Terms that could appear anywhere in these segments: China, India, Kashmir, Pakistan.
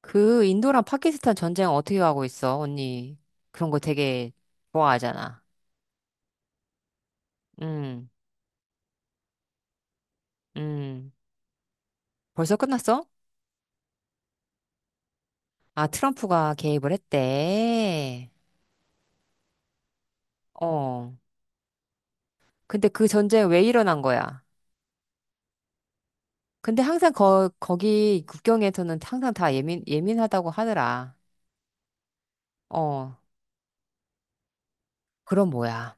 그 인도랑 파키스탄 전쟁 어떻게 하고 있어? 언니 그런 거 되게 좋아하잖아. 음, 음. 벌써 끝났어? 아, 트럼프가 개입을 했대. 어. 근데 그 전쟁 왜 일어난 거야? 근데 항상 거기 국경에서는 항상 다 예민하다고 하더라. 어. 그럼 뭐야?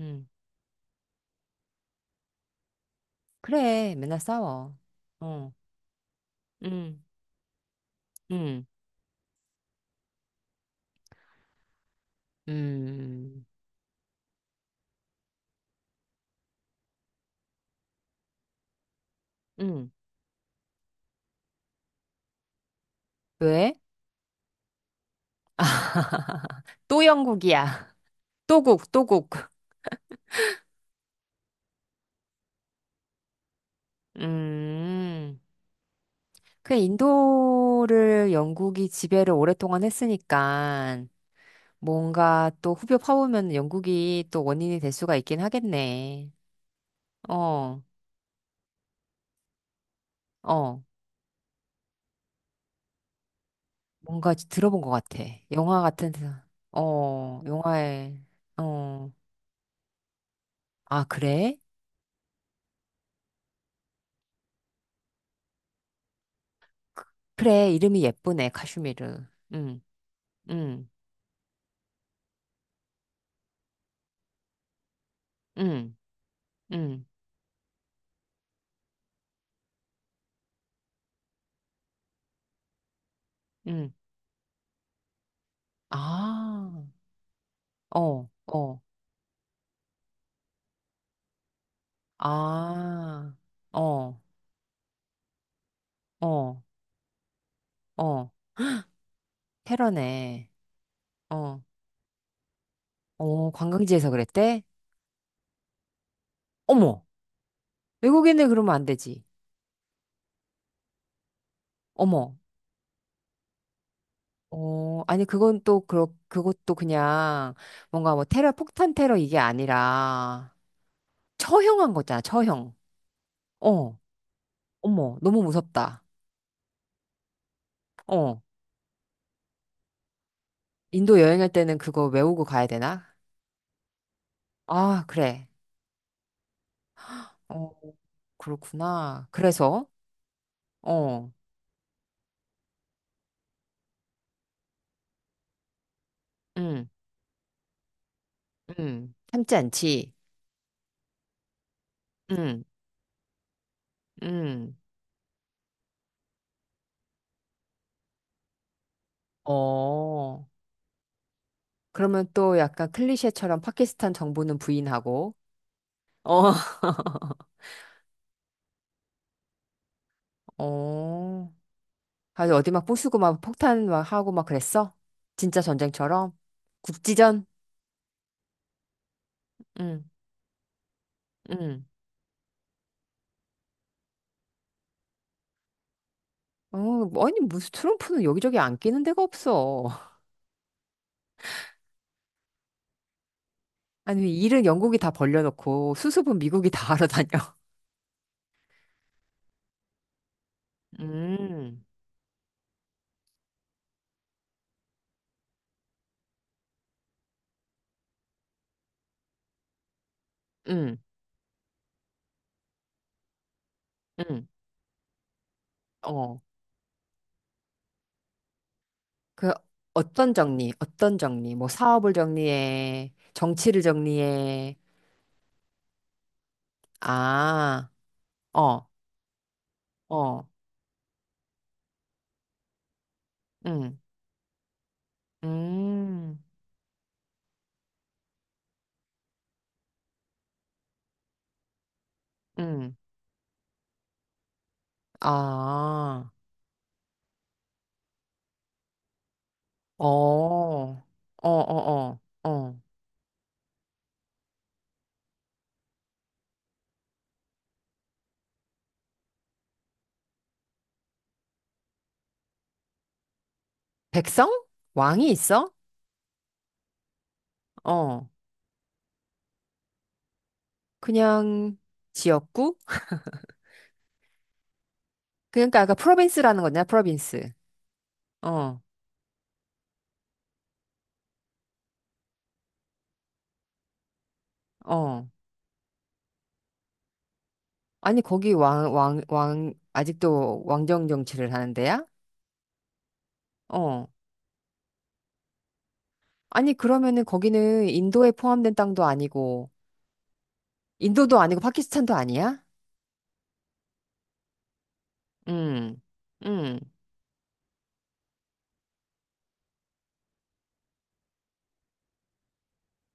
음. 그래, 맨날 싸워. 어. 음, 음, 음, 음. 왜? 또 영국이야. 또국, 또국. 음. 그 인도를 영국이 지배를 오랫동안 했으니까 뭔가 또 후벼 파보면 영국이 또 원인이 될 수가 있긴 하겠네. 어, 어. 뭔가 들어본 것 같아. 영화 같은, 영화에, 어. 아, 그래? 그- 그래, 이름이 예쁘네, 카슈미르. 응, 응, 응, 응, 응. 아, 어, 어. 아, 어. 어, 어, 테러네. 어, 어, 관광지에서 그랬대? 어머, 외국인을 그러면 안 되지. 어머, 어, 아니, 그건 또, 그것도 그냥, 뭔가 뭐 테러, 폭탄 테러 이게 아니라, 처형한 거잖아, 처형. 어, 어머, 너무 무섭다. 어, 인도 여행할 때는 그거 외우고 가야 되나? 아, 그래. 어, 그렇구나. 그래서, 어, 응, 응, 참지 않지. 응, 응, 어. 그러면 또 약간 클리셰처럼 파키스탄 정부는 부인하고, 어, 어, 아주 어디 막 부수고 막 폭탄 막 하고 막 그랬어? 진짜 전쟁처럼? 국지전? 응, 응. 어, 아니, 무슨 트럼프는 여기저기 안 끼는 데가 없어. 아니, 일은 영국이 다 벌려놓고 수습은 미국이 다 하러 다녀. 음, 음, 음, 어. 그, 어떤 정리, 어떤 정리, 뭐 사업을 정리해, 정치를 정리해. 아, 어. 어, 응, 음, 응, 아, 어, 어, 어, 어, 어. 백성? 왕이 있어? 어, 그냥 지역구? 그러니까 아까 프로빈스라는 거냐, 프로빈스. 어, 어. 아니, 거기 왕, 아직도 왕정 정치를 하는 데야? 어. 아니, 그러면은 거기는 인도에 포함된 땅도 아니고, 인도도 아니고 파키스탄도 아니야? 음, 음,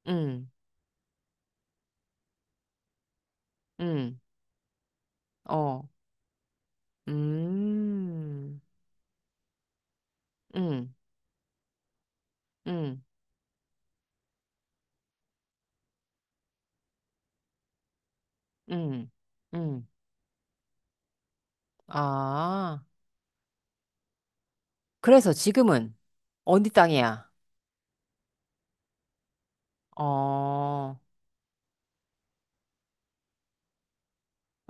음, 음, 어. 음, 음, 음, 음, 음. 아, 그래서 지금은 어디 땅이야? 어,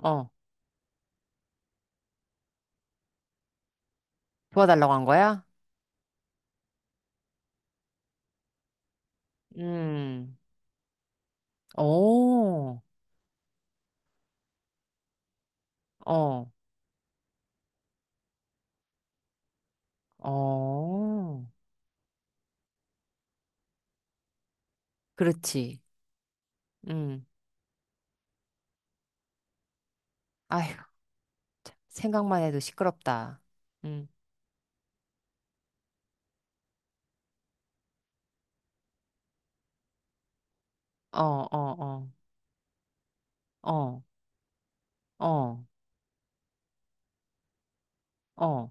어, 도와달라고 한 거야? 음, 오, 어, 어, 그렇지. 음, 아휴, 생각만 해도 시끄럽다. 음, 어, 어, 어, 어, 어, 어.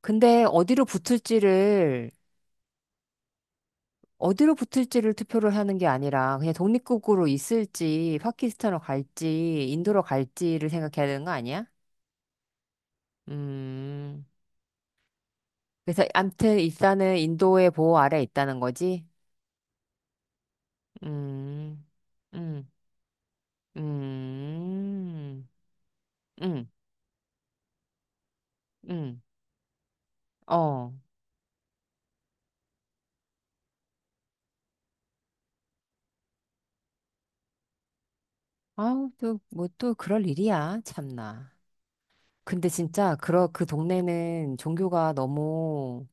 근데 어디로 붙을지를 투표를 하는 게 아니라 그냥 독립국으로 있을지 파키스탄으로 갈지 인도로 갈지를 생각해야 되는 거 아니야? 음. 그래서 암튼 일단은 인도의 보호 아래 있다는 거지. 음. 음. 음. 음. 음. 어. 아우 또뭐 또 그럴 일이야. 참나. 근데 진짜 그러 그 동네는 종교가 너무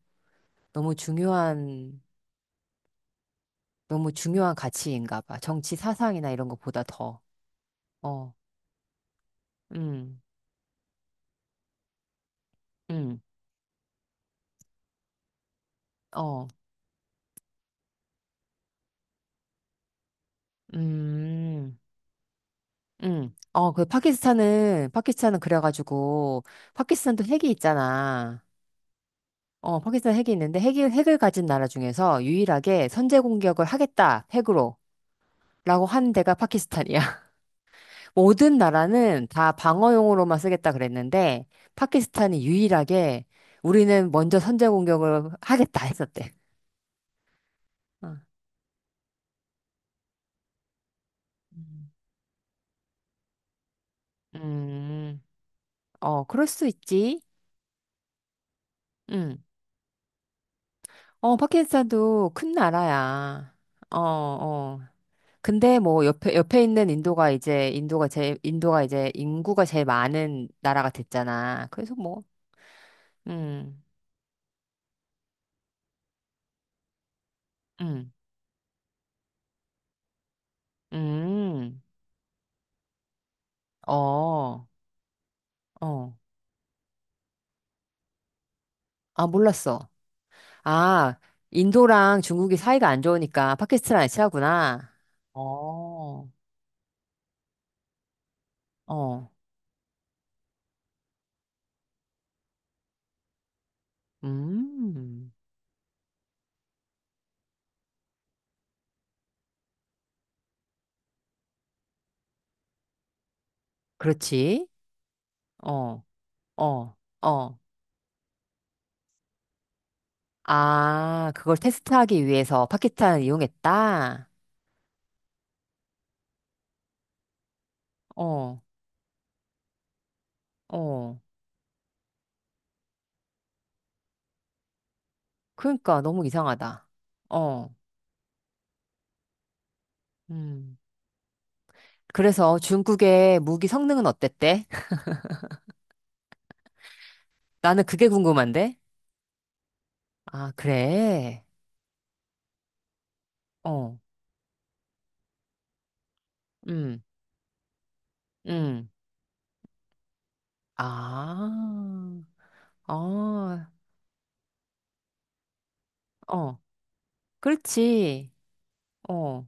너무 중요한 가치인가 봐. 정치 사상이나 이런 것보다 더. 어, 음, 음, 어, 음, 어, 그 파키스탄은, 그래가지고, 파키스탄도 핵이 있잖아. 어, 파키스탄 핵이 있는데, 핵을 가진 나라 중에서 유일하게 선제 공격을 하겠다, 핵으로. 라고 한 데가 파키스탄이야. 모든 나라는 다 방어용으로만 쓰겠다 그랬는데, 파키스탄이 유일하게 우리는 먼저 선제 공격을 하겠다 했었대. 어. 음, 어, 그럴 수 있지. 응 어, 파키스탄도 큰 나라야. 어, 어. 근데 뭐 옆에 옆에 있는 인도가 이제 인구가 제일 많은 나라가 됐잖아. 그래서 뭐 음. 음. 음. 어. 어. 아, 몰랐어. 아, 인도랑 중국이 사이가 안 좋으니까 파키스탄을 친하구나. 어. 어. 음. 그렇지. 어. 어. 어. 아, 그걸 테스트하기 위해서 파키탄을 이용했다? 어, 어. 그러니까 너무 이상하다. 어, 음. 그래서 중국의 무기 성능은 어땠대? 나는 그게 궁금한데? 아, 그래? 어, 음, 음. 아, 어, 어. 그렇지. 어,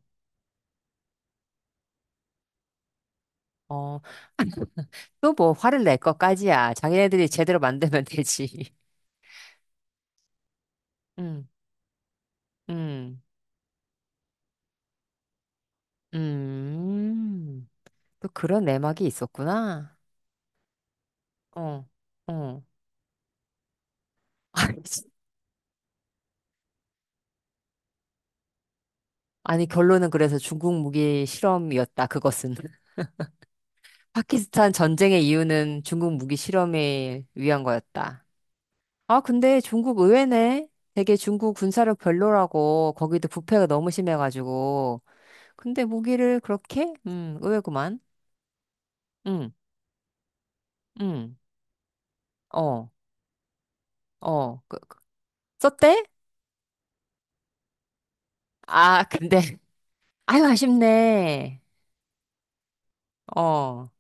어. 또 뭐 화를 낼 것까지야. 자기네들이 제대로 만들면 되지. 음, 음, 음. 또 그런 내막이 있었구나. 어, 어. 아니, 아니, 결론은 그래서 중국 무기 실험이었다, 그것은. 파키스탄 전쟁의 이유는 중국 무기 실험을 위한 거였다. 아, 근데 중국 의외네. 되게 중국 군사력 별로라고, 거기도 부패가 너무 심해가지고. 근데 무기를 그렇게? 의외구만. 음, 음, 어, 어. 썼대? 아, 근데. 아유, 아쉽네. 어.